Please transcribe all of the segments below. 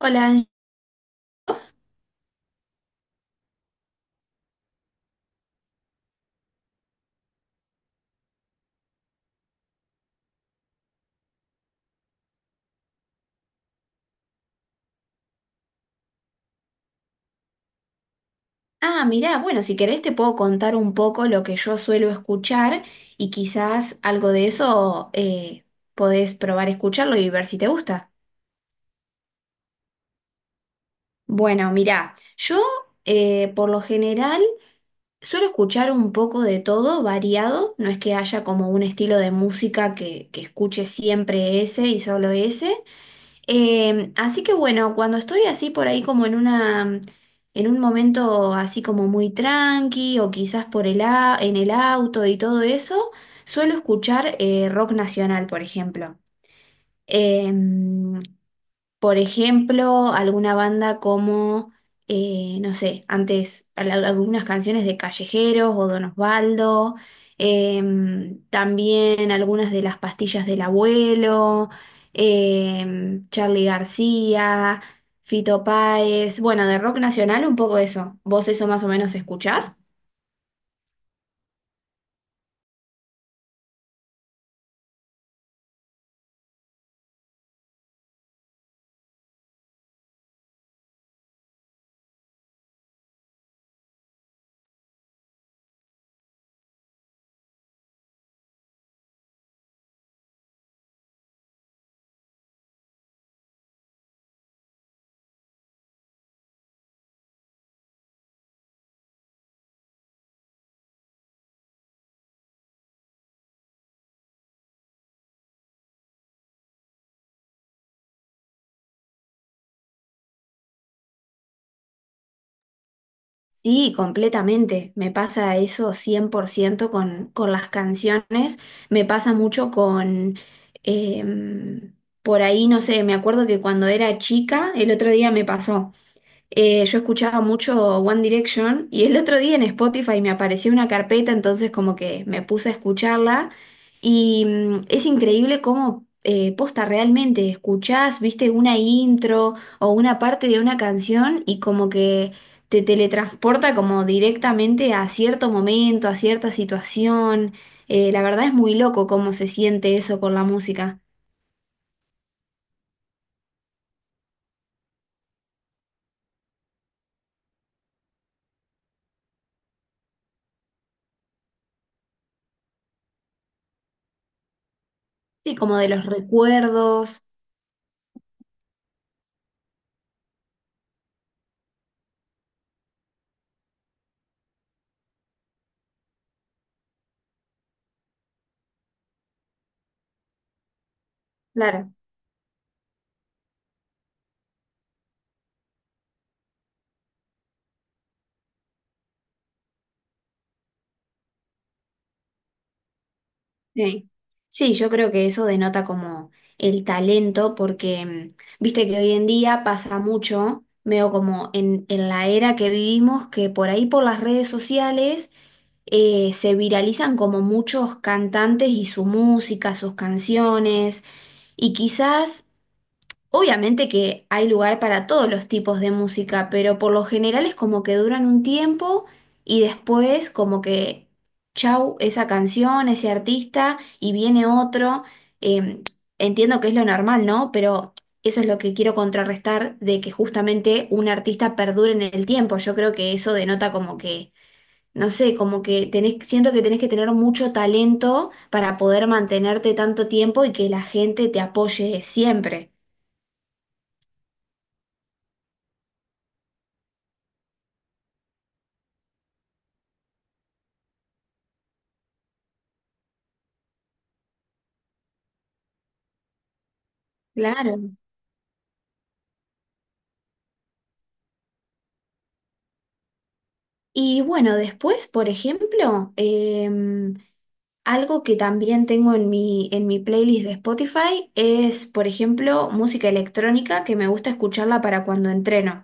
Hola, Angelos. Ah, mirá, bueno, si querés te puedo contar un poco lo que yo suelo escuchar y quizás algo de eso podés probar escucharlo y ver si te gusta. Bueno, mirá, yo por lo general suelo escuchar un poco de todo, variado, no es que haya como un estilo de música que escuche siempre ese y solo ese. Así que bueno, cuando estoy así por ahí en un momento así como muy tranqui o quizás en el auto y todo eso, suelo escuchar rock nacional, por ejemplo. Em, por ejemplo, alguna banda como, no sé, antes algunas canciones de Callejeros o Don Osvaldo, también algunas de las pastillas del abuelo, Charly García, Fito Páez, bueno, de rock nacional un poco eso. ¿Vos eso más o menos escuchás? Sí, completamente. Me pasa eso 100% con las canciones. Me pasa mucho em, por ahí, no sé, me acuerdo que cuando era chica, el otro día me pasó. Yo escuchaba mucho One Direction y el otro día en Spotify me apareció una carpeta, entonces como que me puse a escucharla y es increíble cómo posta realmente escuchás, viste una intro o una parte de una canción y como que te teletransporta como directamente a cierto momento, a cierta situación. La verdad es muy loco cómo se siente eso con la música. Sí, como de los recuerdos. Claro. Sí. Sí, yo creo que eso denota como el talento, porque viste que hoy en día pasa mucho, veo como en la era que vivimos, que por ahí por las redes sociales se viralizan como muchos cantantes y su música, sus canciones, y quizás obviamente que hay lugar para todos los tipos de música, pero por lo general es como que duran un tiempo y después como que chau, esa canción, ese artista y viene otro. Eh, Entiendo que es lo normal, ¿no? Pero eso es lo que quiero contrarrestar de que justamente un artista perdure en el tiempo. Yo creo que eso denota como que, no sé, como que tenés, siento que tenés que tener mucho talento para poder mantenerte tanto tiempo y que la gente te apoye siempre. Claro. Y bueno, después, por ejemplo, algo que también tengo en mi playlist de Spotify es, por ejemplo, música electrónica que me gusta escucharla para cuando entreno,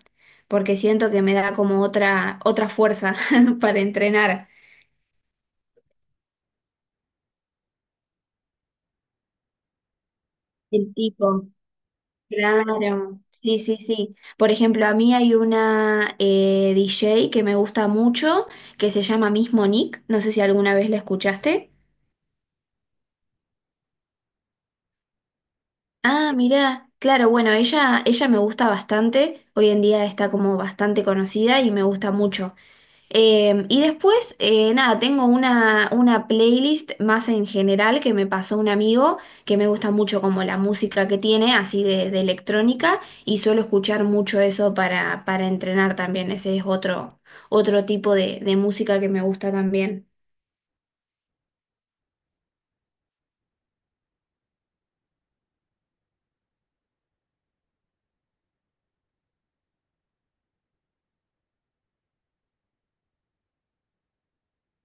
porque siento que me da como otra fuerza para entrenar. El tipo. Claro, sí, sí, sí. Por ejemplo, a mí hay una DJ que me gusta mucho, que se llama Miss Monique, no sé si alguna vez la escuchaste. Ah, mirá, claro, bueno, ella me gusta bastante, hoy en día está como bastante conocida y me gusta mucho. Y después, nada, tengo una playlist más en general que me pasó un amigo, que me gusta mucho como la música que tiene, así de electrónica, y suelo escuchar mucho eso para entrenar también, ese es otro tipo de música que me gusta también.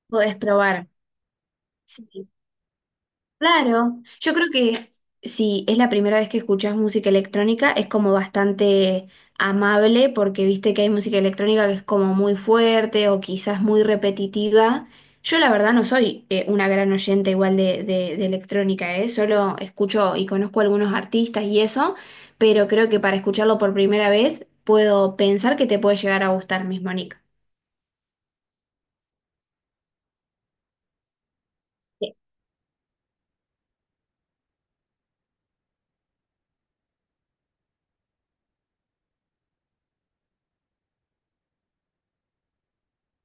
Podés probar. Sí. Claro, yo creo que si es la primera vez que escuchas música electrónica, es como bastante amable porque viste que hay música electrónica que es como muy fuerte o quizás muy repetitiva. Yo la verdad no soy una gran oyente igual de electrónica, ¿eh? Solo escucho y conozco algunos artistas y eso, pero creo que para escucharlo por primera vez puedo pensar que te puede llegar a gustar mismo, Nick. Sí.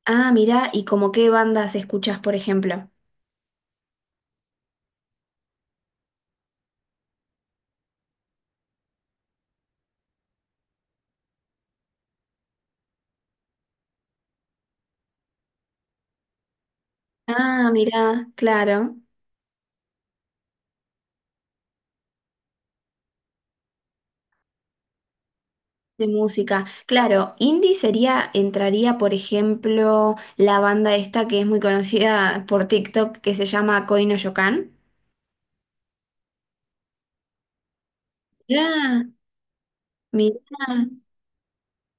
Ah, mira, ¿y como qué bandas escuchas, por ejemplo? Ah, mira, claro. De música. Claro, indie sería, entraría, por ejemplo, la banda esta que es muy conocida por TikTok, que se llama Koi no Yokan. Mirá, mirá,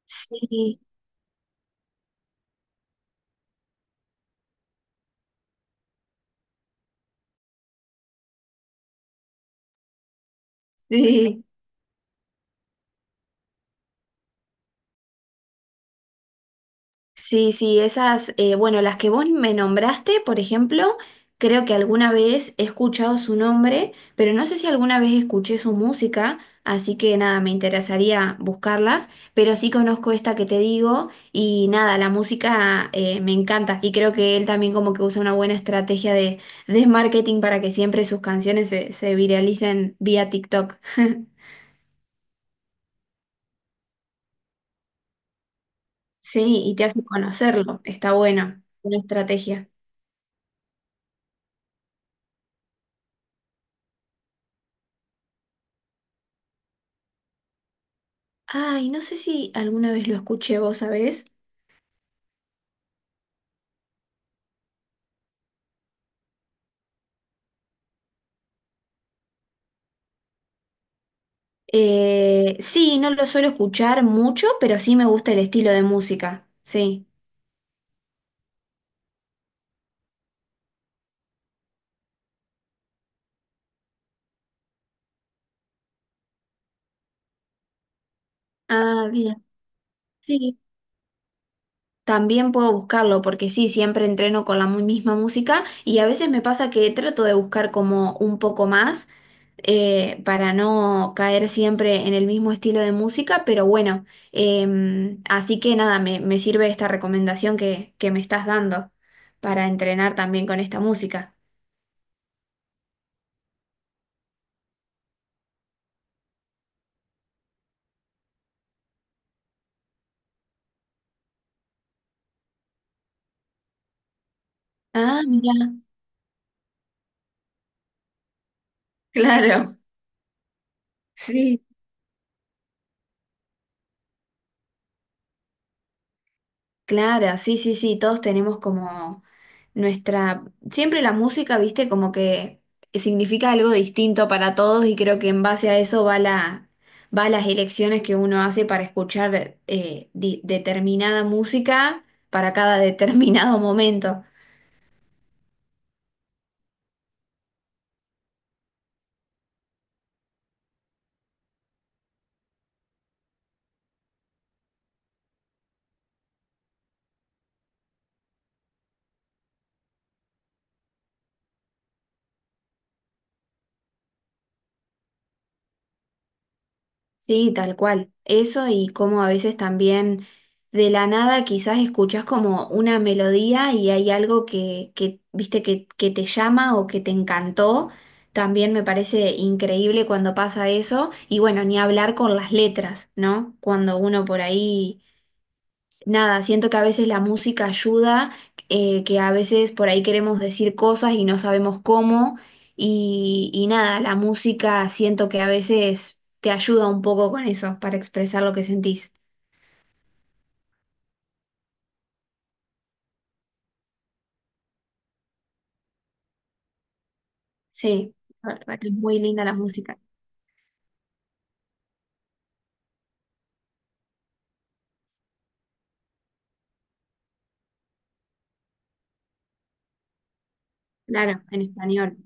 sí, sí. Sí, sí, esas, bueno, las que vos me nombraste, por ejemplo, creo que alguna vez he escuchado su nombre, pero no sé si alguna vez escuché su música, así que nada, me interesaría buscarlas, pero sí conozco esta que te digo y nada, la música me encanta y creo que él también como que usa una buena estrategia de marketing para que siempre sus canciones se viralicen vía TikTok. Sí, y te hace conocerlo, está bueno, una estrategia. Ay, no sé si alguna vez lo escuché vos, ¿sabés? Sí, no lo suelo escuchar mucho, pero sí me gusta el estilo de música. Sí. Ah, bien. Sí. También puedo buscarlo porque sí, siempre entreno con la misma música y a veces me pasa que trato de buscar como un poco más para no caer siempre en el mismo estilo de música, pero bueno, así que nada, me sirve esta recomendación que me estás dando para entrenar también con esta música. Ah, mira, claro, sí, claro, sí, sí, sí, todos tenemos como nuestra, siempre la música, viste, como que significa algo distinto para todos y creo que en base a eso va va las elecciones que uno hace para escuchar determinada música para cada determinado momento. Sí, tal cual. Eso y como a veces también de la nada quizás escuchas como una melodía y hay algo que viste que te llama o que te encantó. También me parece increíble cuando pasa eso. Y bueno, ni hablar con las letras, ¿no? Cuando uno por ahí nada, siento que a veces la música ayuda, que a veces por ahí queremos decir cosas y no sabemos cómo. Y nada, la música siento que a veces te ayuda un poco con eso, para expresar lo que sentís. Sí, la verdad que es muy linda la música. Claro, en español.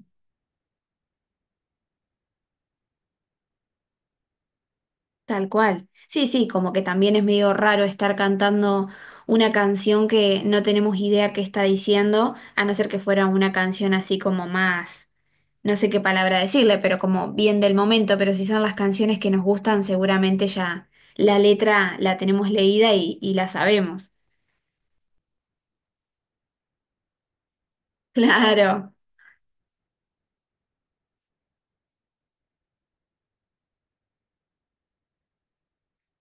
Tal cual. Sí, sí, como que también es medio raro estar cantando una canción que no tenemos idea qué está diciendo, a no ser que fuera una canción así como más, no sé qué palabra decirle, pero como bien del momento, pero si son las canciones que nos gustan, seguramente ya la letra la tenemos leída y la sabemos. Claro.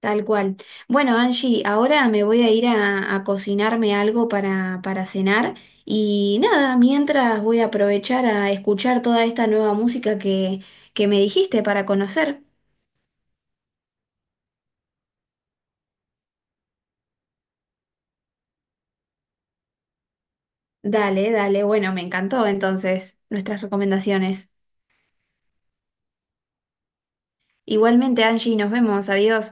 Tal cual. Bueno, Angie, ahora me voy a ir a cocinarme algo para cenar y nada, mientras voy a aprovechar a escuchar toda esta nueva música que me dijiste para conocer. Dale, dale, bueno, me encantó entonces nuestras recomendaciones. Igualmente, Angie, nos vemos, adiós.